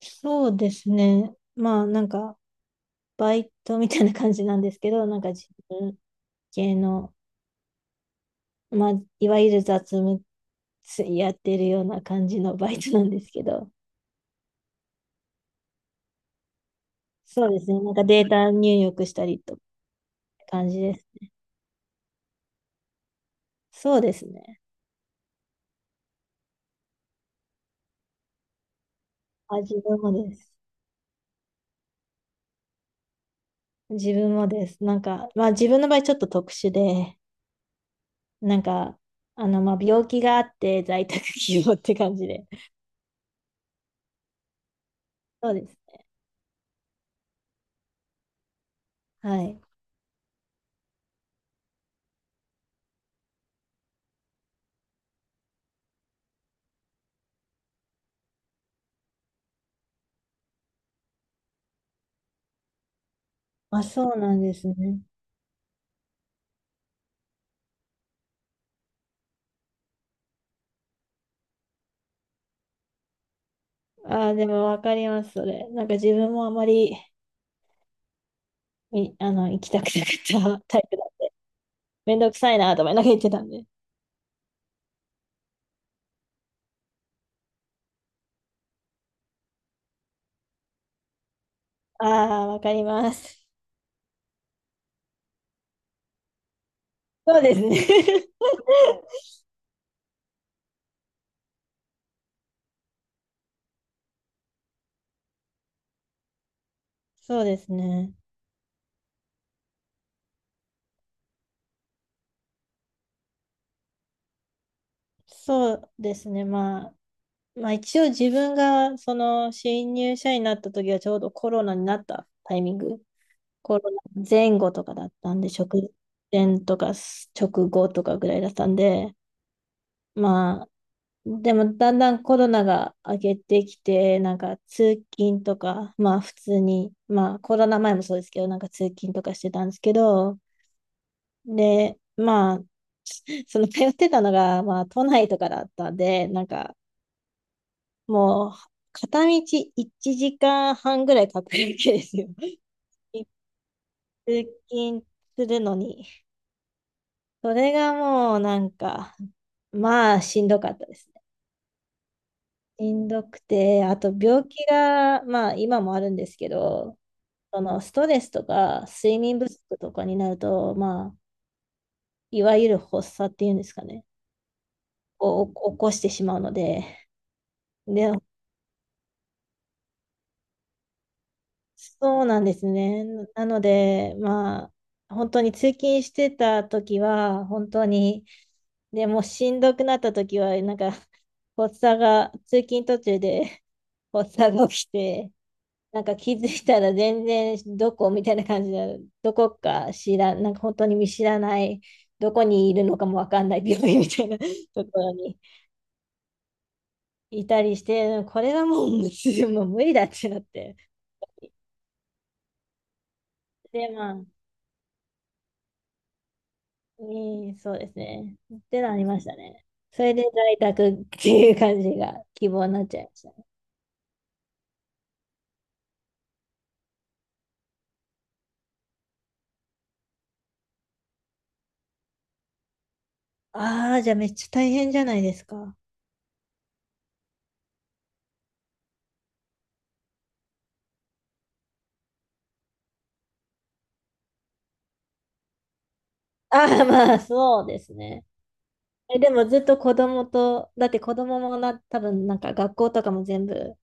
そうですね。バイトみたいな感じなんですけど、なんか自分系の、まあいわゆる雑務やってるような感じのバイトなんですけど、そうですね。なんかデータ入力したりと感じです。そうですね。あ、自分もです。自分もです。自分の場合ちょっと特殊で、なんか、病気があって在宅希望って感じで。そうですね。はい。あ、そうなんですね。ああ、でもわかります、それ。なんか自分もあまり、みあの、行きたくなかったタイプなんで、めんどくさいなと思いながら行ってたんで。ああ、わかります。そうですね。そうですね。そうですね。まあ、一応自分がその新入社員になった時はちょうどコロナになったタイミング、コロナ前後とかだったんで、直前とか直後とかぐらいだったんで、まあ、でもだんだんコロナが明けてきて、なんか通勤とか、まあ普通に、まあコロナ前もそうですけど、なんか通勤とかしてたんですけど、で、まあ、その通ってたのが、まあ都内とかだったんで、なんかもう片道1時間半ぐらいかかるわけですよ。通勤するのに。それがもうなんか、まあしんどかったです。しんどくて、あと病気が、まあ今もあるんですけど、そのストレスとか睡眠不足とかになると、まあ、いわゆる発作っていうんですかね、を起こしてしまうので、で、そうなんですね。なので、まあ、本当に通勤してた時は、本当に、でもうしんどくなった時は、なんか、発作が、通勤途中で発作が起きて、なんか気づいたら全然どこみたいな感じで、どこか知らん、なんか本当に見知らない、どこにいるのかもわかんない病院みたいな ところにいたりして、これはもう無理、もう無理だってなって。で、まあ、えーそうですね。ってなりましたね。それで在宅っていう感じが希望になっちゃいましたね。ああ、じゃあめっちゃ大変じゃないですか。ああ、まあそうですね。え、でもずっと子供と、だって子供もな、多分なんか学校とかも全部。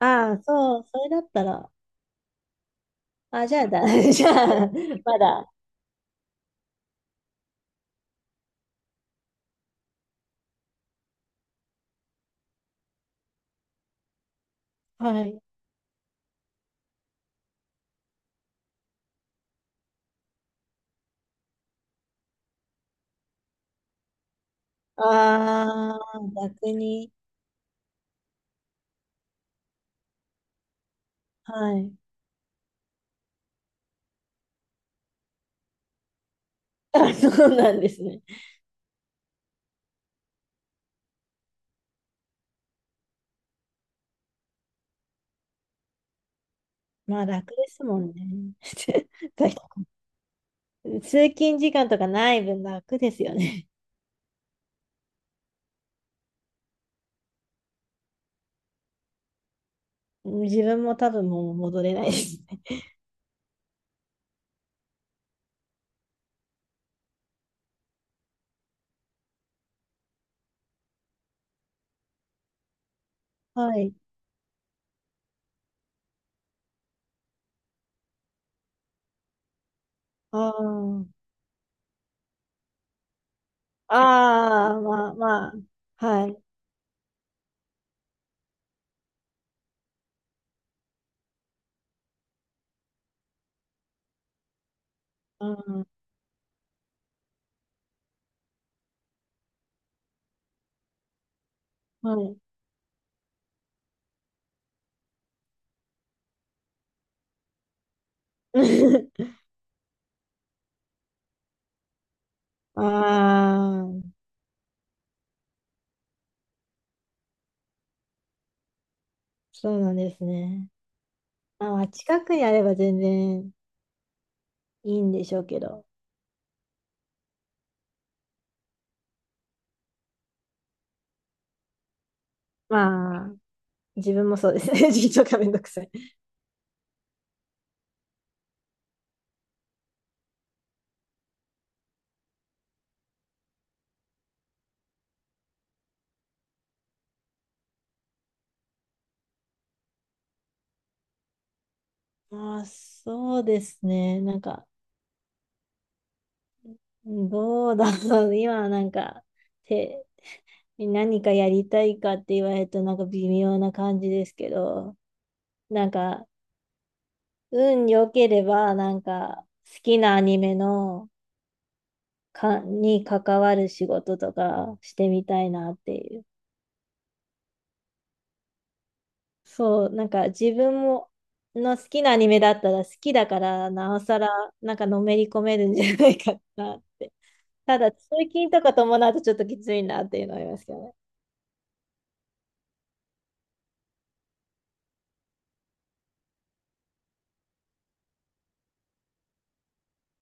ああ、そう、それだったら。あ、じゃあだ、じゃあ、まだ。はい。ああ、逆に。はい。あ、そうなんですね。まあ楽ですもんね。通勤時間とかない分楽ですよね。自分も多分もう戻れないですね。はい。ああ、ああ、まあまあ、はい。ああ、はい。ああ、そうなんですね。まあ、まあ近くにあれば全然いいんでしょうけど。まあ、自分もそうですね。自分がめんどくさい。まあ、そうですね。なんか、どうだろう。今はなんか、て、何かやりたいかって言われるとなんか微妙な感じですけど、なんか、運良ければ、なんか、好きなアニメのか、に関わる仕事とかしてみたいなっていう。そう、なんか自分もの好きなアニメだったら好きだからなおさらなんかのめり込めるんじゃないかなって。ただ通勤とか伴うとちょっときついなっていうのはありますけどね。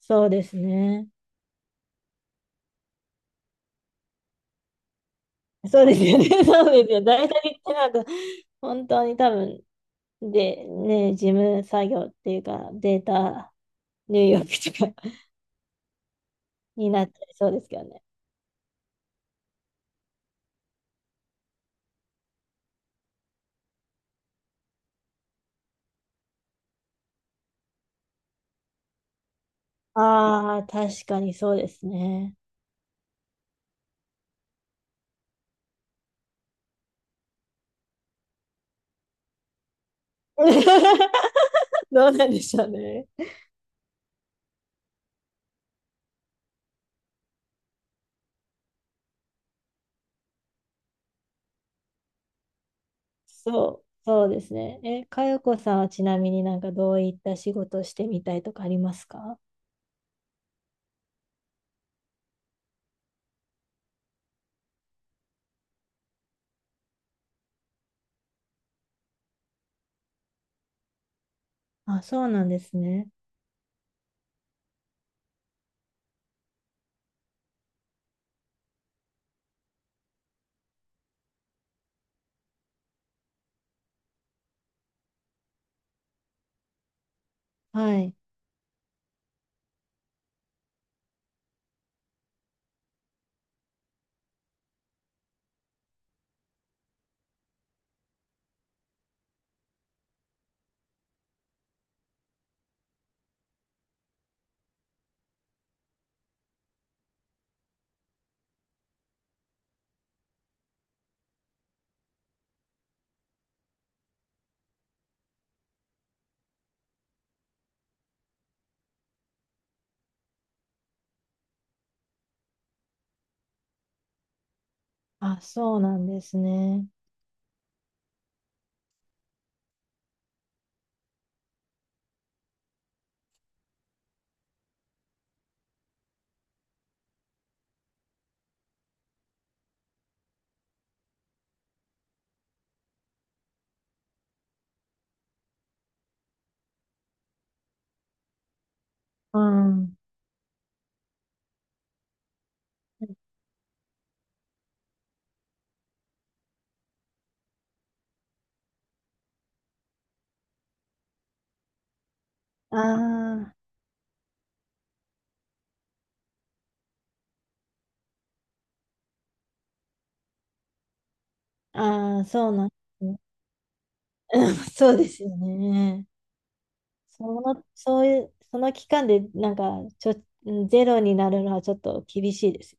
そうですね。そうですよね。そうですよ。大体ってなんか本当に多分でね、事務作業っていうかデータ入力とか になっちゃいそうですけどね。ああ、確かにそうですね。どうなんでしょうね。そうですね。え、かよこさんはちなみになんかどういった仕事をしてみたいとかありますか？あ、そうなんですね。はい。あ、そうなんですね。うん。ああ、ああ、そうなんですね。そうですよね。その、そういう、その期間でなんかちょ、ゼロになるのはちょっと厳しいです。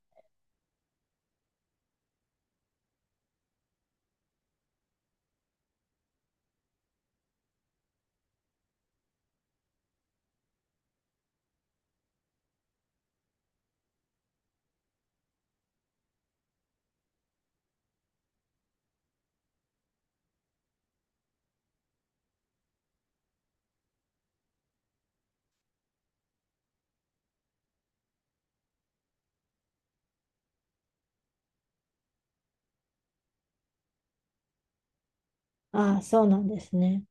ああ、そうなんですね。